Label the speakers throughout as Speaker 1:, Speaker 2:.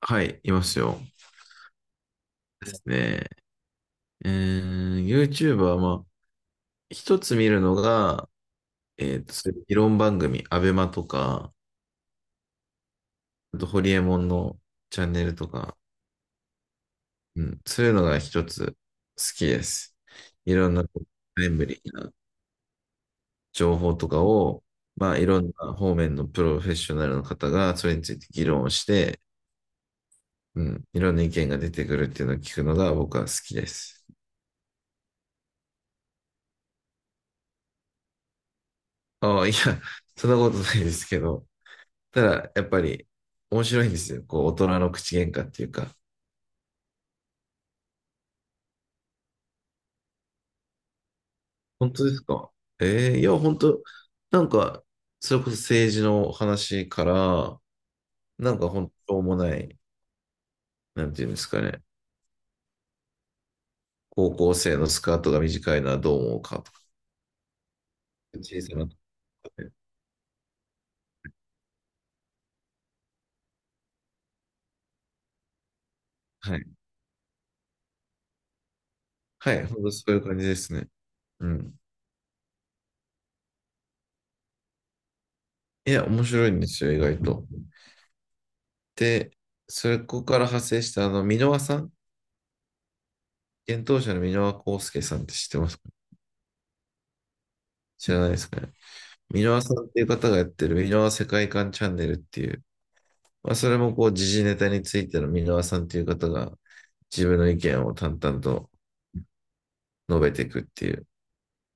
Speaker 1: はい、いますよ。ですね。YouTuber は、まあ、一つ見るのが、そういう議論番組、アベマとか、あと、ホリエモンのチャンネルとか、うん、そういうのが一つ好きです。いろんな、タイムリーな情報とかを、まあ、いろんな方面のプロフェッショナルの方が、それについて議論をして、うん、いろんな意見が出てくるっていうのを聞くのが僕は好きです。ああ、いや、そんなことないですけど、たら、やっぱり面白いんですよ。こう、大人の口喧嘩っていうか。本当ですか？ええいや、本当なんか、それこそ政治の話から、なんか本当もない、なんていうんですかね。高校生のスカートが短いのはどう思うかとか、小さなとこで。はい。はい、本当そういう感じですね。うん。いや、面白いんですよ、意外と。で、それここから派生した、箕輪さん、幻冬舎の箕輪康介さんって知ってますか？知らないですかね。箕輪さんっていう方がやってる箕輪世界観チャンネルっていう、まあ、それもこう時事ネタについての箕輪さんっていう方が自分の意見を淡々と述べていくっていう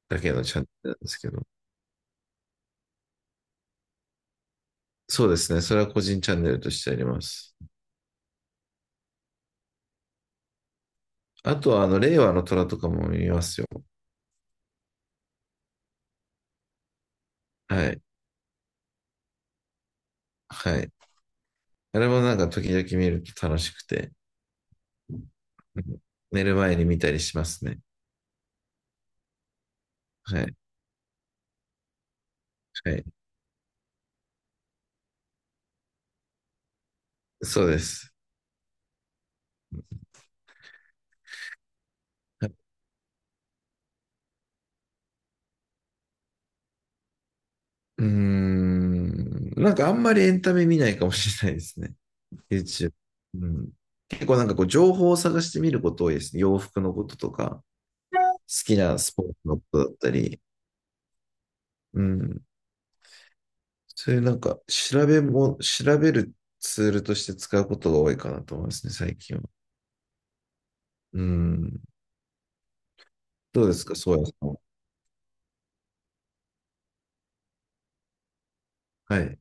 Speaker 1: だけのチャンネルなんですけど、そうですね、それは個人チャンネルとしてあります。あとは、令和の虎とかも見ますよ。はい。はい。あれもなんか時々見ると楽しくて、うん、寝る前に見たりしますね。はい。はい。そうです。うーん。なんかあんまりエンタメ見ないかもしれないですね。YouTube うん。結構なんかこう、情報を探してみること多いですね。洋服のこととか、好きなスポーツのことだったり、うん。そういうなんか、調べるツールとして使うことが多いかなと思いますね、最近は。うん。どうですか、そうやさんは。はい。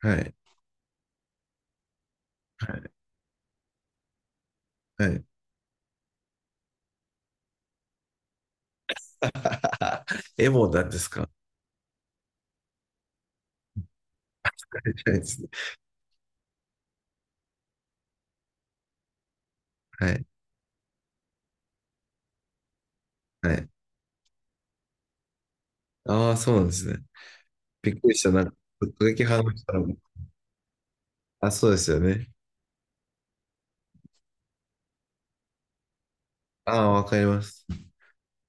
Speaker 1: はい。はい。はい。エモなんですか？じゃないですね。はい。はい。ああ、そうなんですね。びっくりした。なんか、突撃派の人らも、あ、そうですよね。ああ、わかります。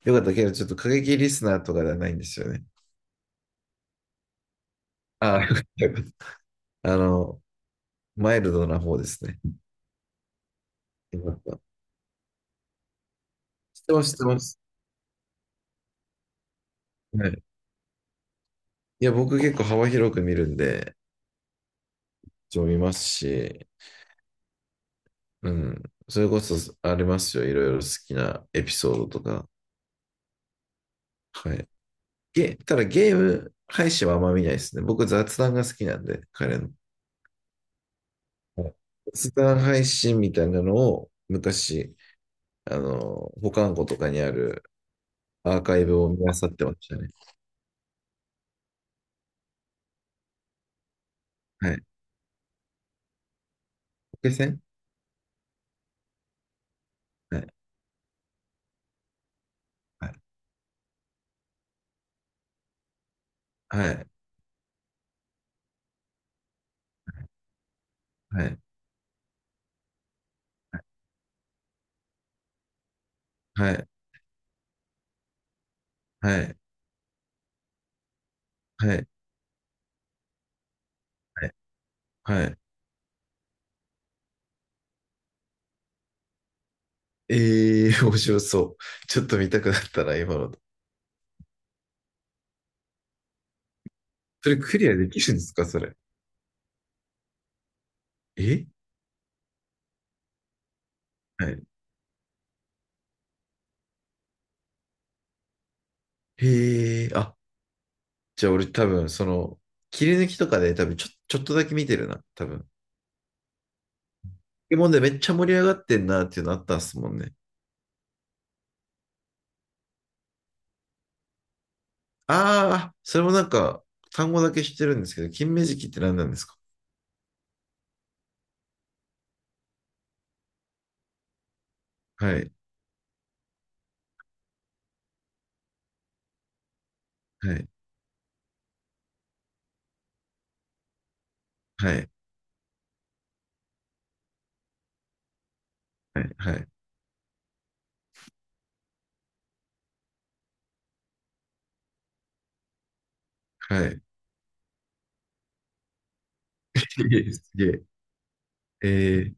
Speaker 1: よかったけど、ちょっと過激リスナーとかではないんですよね。ああ、よかったよかった。マイルドな方ですね。よかった。知ってます、知ってます。はい。いや、僕結構幅広く見るんで、一応見ますし、うん。それこそありますよ。いろいろ好きなエピソードとか。はい。ただゲーム配信はあんま見ないですね。僕雑談が好きなんで、彼の。はい。雑談配信みたいなのを昔、保管庫とかにあるアーカイブを見漁ってましたね。はい。決戦はい、はい、はい、はい、はい、はい、はい、はい。ええー、面白そう。ちょっと見たくなったな、今の。それクリアできるんですか、それ。え、はい。へえ、あ、じゃあ俺多分、その、切り抜きとかで多分ちょ、ちょっとだけ見てるな、多分。ポケモンでめっちゃ盛り上がってんなっていうのあったんですもんね。ああ、それもなんか、単語だけ知ってるんですけど、金目鯽って何なんですか？はい、はい、はい、はい、はい、はい。すげえ。えー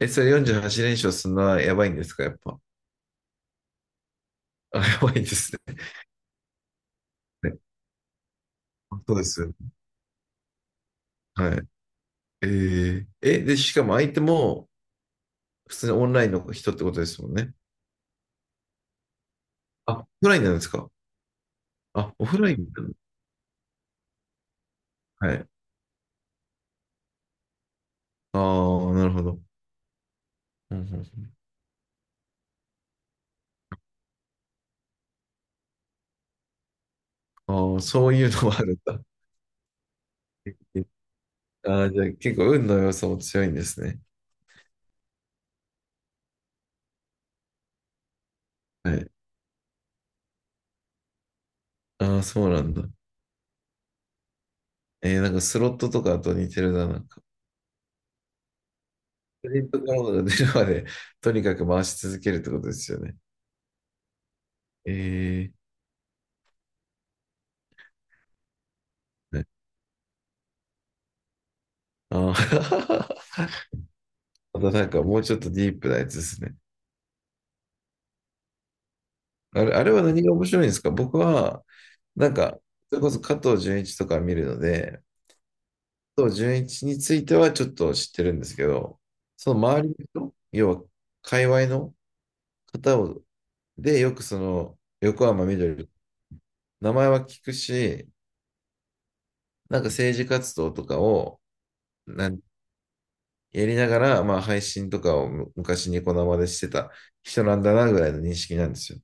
Speaker 1: え、それ48連勝するのはやばいんですか、やっぱ。あ、やばいですね。ね、そうですよね。はい。えー、え、で、しかも相手も普通にオンラインの人ってことですもんね。あ、オフラインなんですか。あ、オフラインなんだ。はい。ああ、なるほど。うんうんうん。ああ、そういうのもあるんだ。ああ、じゃあ結構運の要素も強いんですね。はい。ああ、そうなんだ。えー、なんかスロットとかと似てるな、なんか。クレジットカードが出るまで、とにかく回し続けるってことですよね。えー、あ。 またなんかもうちょっとディープなやつですね。あれ、あれは何が面白いんですか？僕は、なんか、それこそ加藤純一とか見るので、加藤純一についてはちょっと知ってるんですけど、その周りの人、要は、界隈の方を、で、よくその、横浜みどり、名前は聞くし、なんか政治活動とかを、んやりながら、まあ配信とかを昔昔ニコ生でしてた人なんだなぐらいの認識なんですよ。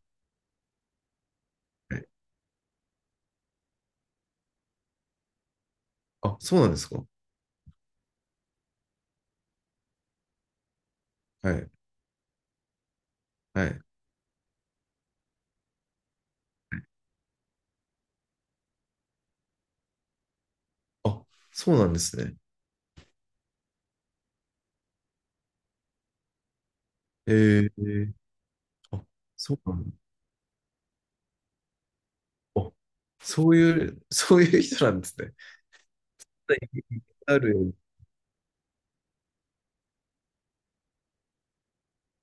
Speaker 1: はい。あ、そうなんですか？はい。はい。あ、そうなんですね。えー、あ、そうなんだ。あ、そういう、そういう人なんですね。いっぱいあるように、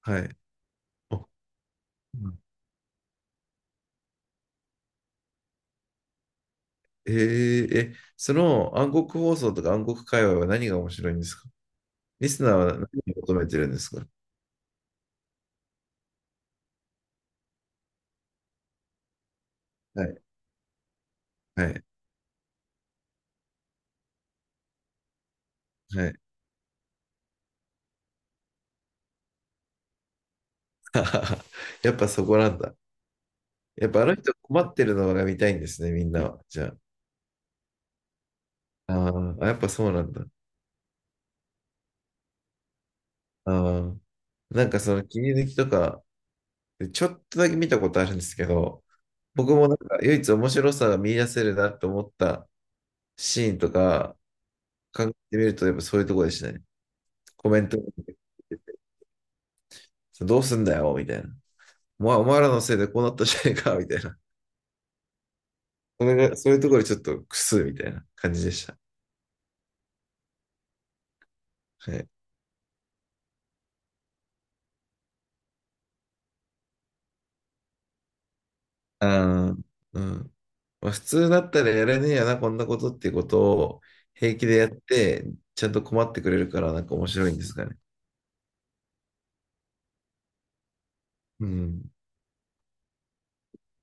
Speaker 1: はい。あ、うん。えー、え、その暗黒放送とか暗黒界隈は何が面白いんですか？リスナーは何を求めてるんですか？はい。はい。はい。あ、やっぱそこなんだ。やっぱあの人困ってるのが見たいんですね、みんなは。じゃあ。あーあ、やっぱそうなんだ。ああ、なんかその切り抜きとか、でちょっとだけ見たことあるんですけど、僕もなんか唯一面白さが見出せるなと思ったシーンとか考えてみると、やっぱそういうとこでしたね。コメントどうすんだよみたいな。お前お前らのせいでこうなったじゃねえかみたいな。それが、そういうところでちょっとクスみたいな感じでした。はい。あーうん、まあ、普通だったらやれねえやな、こんなことっていうことを平気でやって、ちゃんと困ってくれるからなんか面白いんですかね。うん。